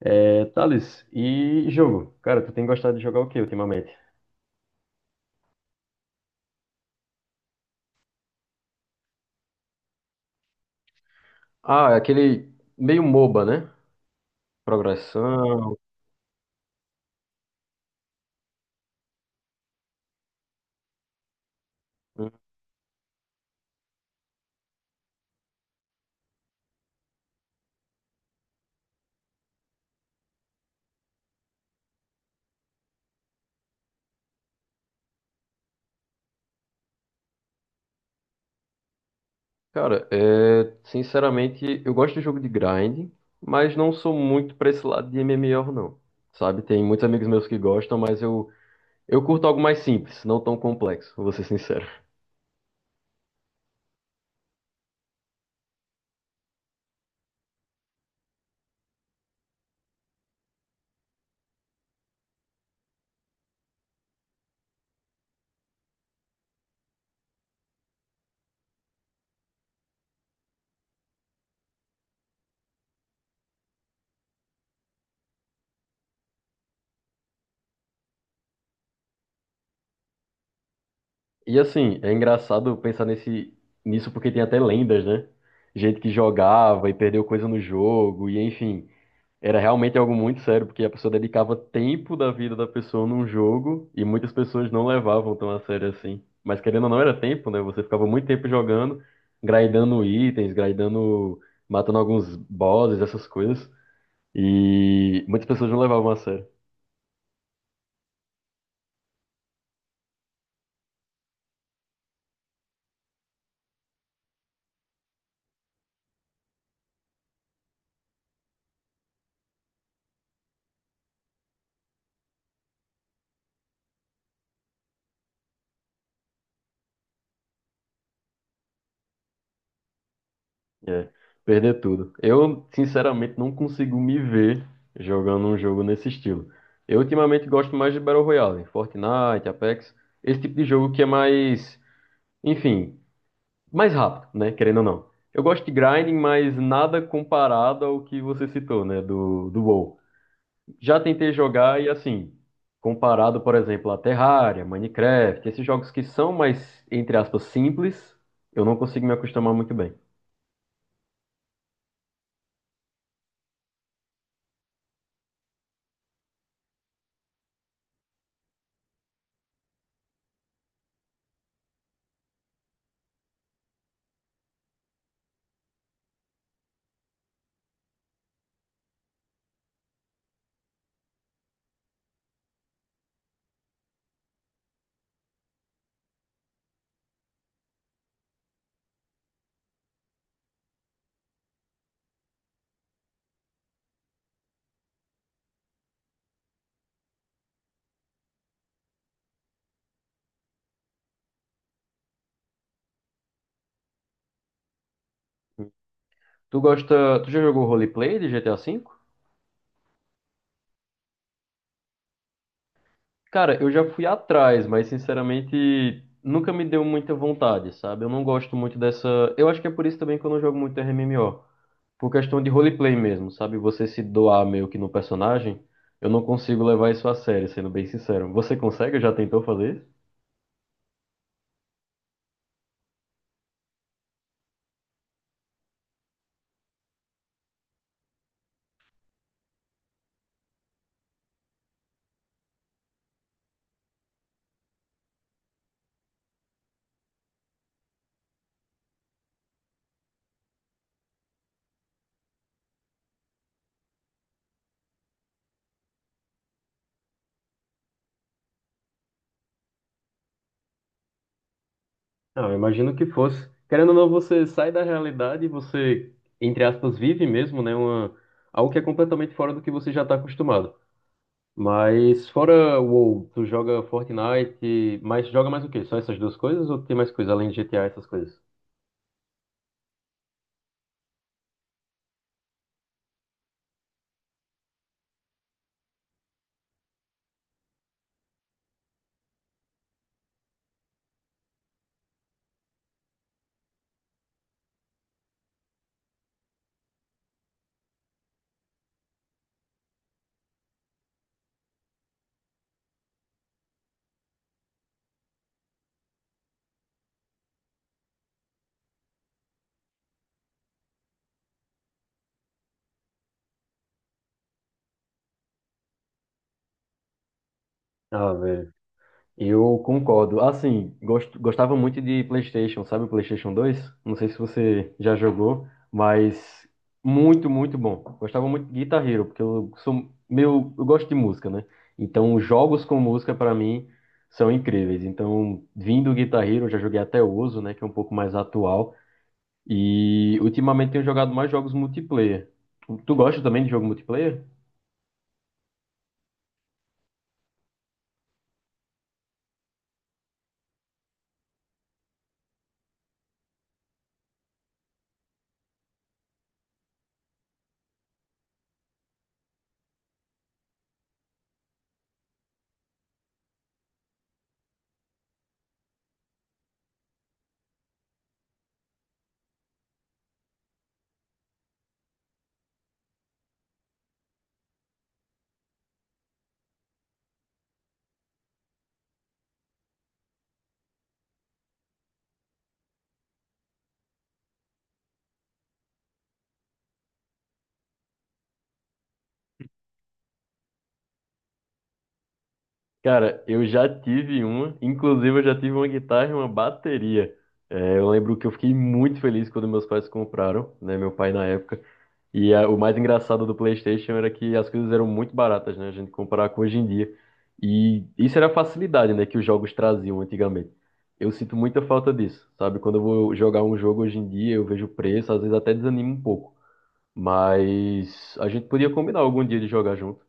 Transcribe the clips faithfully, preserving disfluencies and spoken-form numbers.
É, Thales, e jogo? Cara, tu tem gostado de jogar o que ultimamente? Ah, é aquele meio MOBA, né? Progressão. Né? Cara, é, sinceramente, eu gosto de jogo de grind, mas não sou muito pra esse lado de M M O, não. Sabe? Tem muitos amigos meus que gostam, mas eu, eu curto algo mais simples, não tão complexo, vou ser sincero. E assim, é engraçado pensar nesse, nisso, porque tem até lendas, né? Gente que jogava e perdeu coisa no jogo, e enfim. Era realmente algo muito sério, porque a pessoa dedicava tempo da vida da pessoa num jogo e muitas pessoas não levavam tão a sério assim. Mas querendo ou não, era tempo, né? Você ficava muito tempo jogando, grindando itens, grindando, matando alguns bosses, essas coisas. E muitas pessoas não levavam a sério. É, perder tudo. Eu, sinceramente, não consigo me ver jogando um jogo nesse estilo. Eu, ultimamente, gosto mais de Battle Royale, Fortnite, Apex, esse tipo de jogo que é mais. Enfim, mais rápido, né? Querendo ou não. Eu gosto de grinding, mas nada comparado ao que você citou, né? Do, do WoW. Já tentei jogar e assim, comparado, por exemplo, a Terraria, Minecraft, esses jogos que são mais, entre aspas, simples, eu não consigo me acostumar muito bem. Tu gosta. Tu já jogou roleplay de G T A V? Cara, eu já fui atrás, mas sinceramente nunca me deu muita vontade, sabe? Eu não gosto muito dessa. Eu acho que é por isso também que eu não jogo muito R M M O, por questão de roleplay mesmo, sabe? Você se doar meio que no personagem, eu não consigo levar isso a sério, sendo bem sincero. Você consegue? Já tentou fazer isso? Não, eu imagino que fosse. Querendo ou não, você sai da realidade e você, entre aspas, vive mesmo, né? Uma, algo que é completamente fora do que você já está acostumado. Mas fora o WoW, tu joga Fortnite, mas joga mais o quê? Só essas duas coisas ou tem mais coisa além de G T A, essas coisas? Ah, velho. Eu concordo. Assim, gost- gostava muito de PlayStation, sabe, o PlayStation dois. Não sei se você já jogou, mas muito, muito bom. Gostava muito de Guitar Hero, porque eu sou meu, eu gosto de música, né? Então, jogos com música pra mim são incríveis. Então, vindo do Guitar Hero, eu já joguei até o Ozo, né, que é um pouco mais atual, e ultimamente tenho jogado mais jogos multiplayer. Tu gosta também de jogo multiplayer? Cara, eu já tive uma, inclusive eu já tive uma guitarra e uma bateria. É, eu lembro que eu fiquei muito feliz quando meus pais compraram, né, meu pai na época. E a- o mais engraçado do PlayStation era que as coisas eram muito baratas, né, a gente comparar com hoje em dia. E isso era a facilidade, né, que os jogos traziam antigamente. Eu sinto muita falta disso, sabe? Quando eu vou jogar um jogo hoje em dia, eu vejo o preço, às vezes até desanimo um pouco. Mas a gente podia combinar algum dia de jogar junto.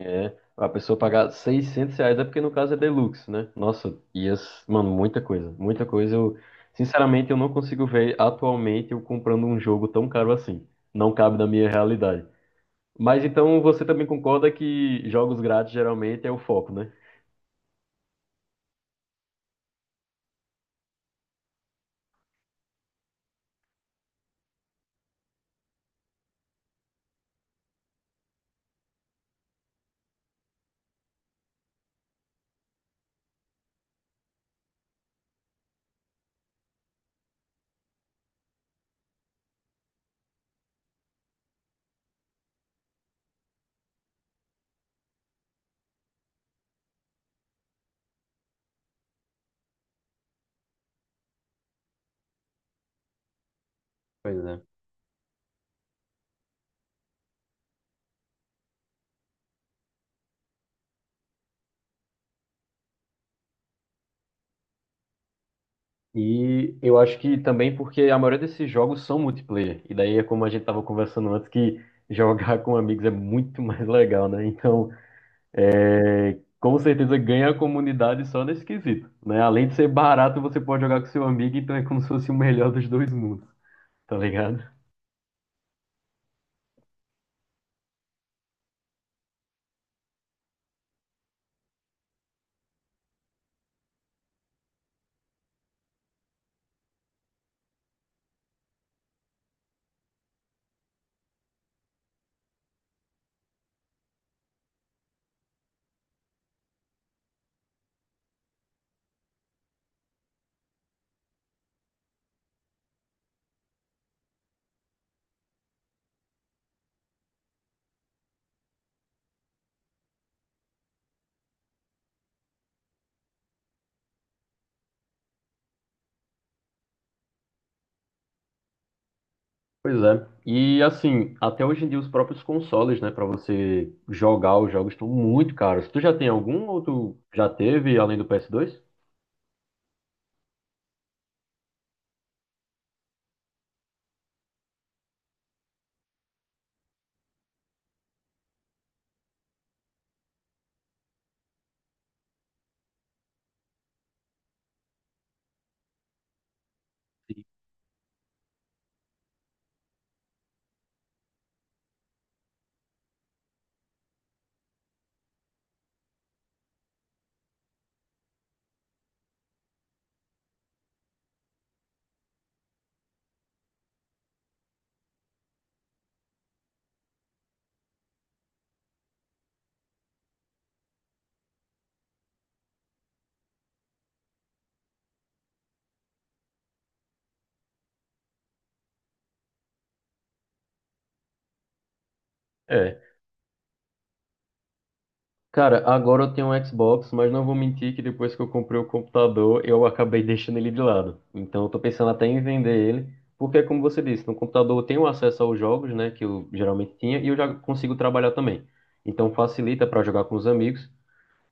É, a pessoa pagar seiscentos reais é porque no caso é deluxe, né? Nossa, e as, mano, muita coisa, muita coisa. Eu, sinceramente, eu não consigo ver atualmente eu comprando um jogo tão caro assim. Não cabe na minha realidade. Mas então você também concorda que jogos grátis geralmente é o foco, né? Pois é. E eu acho que também porque a maioria desses jogos são multiplayer. E daí é como a gente tava conversando antes, que jogar com amigos é muito mais legal, né? Então, é, com certeza ganha a comunidade só nesse quesito, né? Além de ser barato, você pode jogar com seu amigo, então é como se fosse o melhor dos dois mundos, tá ligado? Pois é. E assim, até hoje em dia os próprios consoles, né, pra você jogar os jogos estão muito caros. Tu já tem algum ou tu já teve além do P S dois? Cara, agora eu tenho um Xbox, mas não vou mentir que depois que eu comprei o computador, eu acabei deixando ele de lado. Então eu tô pensando até em vender ele, porque é como você disse, no computador eu tenho acesso aos jogos, né, que eu geralmente tinha, e eu já consigo trabalhar também. Então facilita para jogar com os amigos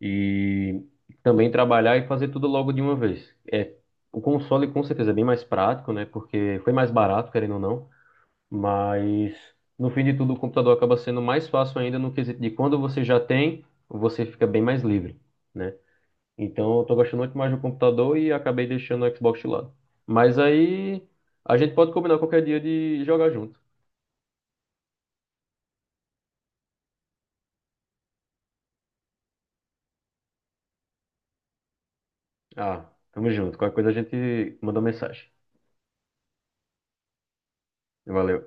e também trabalhar e fazer tudo logo de uma vez. É, o console com certeza é bem mais prático, né, porque foi mais barato, querendo ou não. Mas no fim de tudo, o computador acaba sendo mais fácil ainda no quesito de quando você já tem, você fica bem mais livre, né? Então eu tô gostando muito mais do computador e acabei deixando o Xbox de lado. Mas aí a gente pode combinar qualquer dia de jogar junto. Ah, tamo junto. Qualquer coisa a gente manda mensagem. Valeu.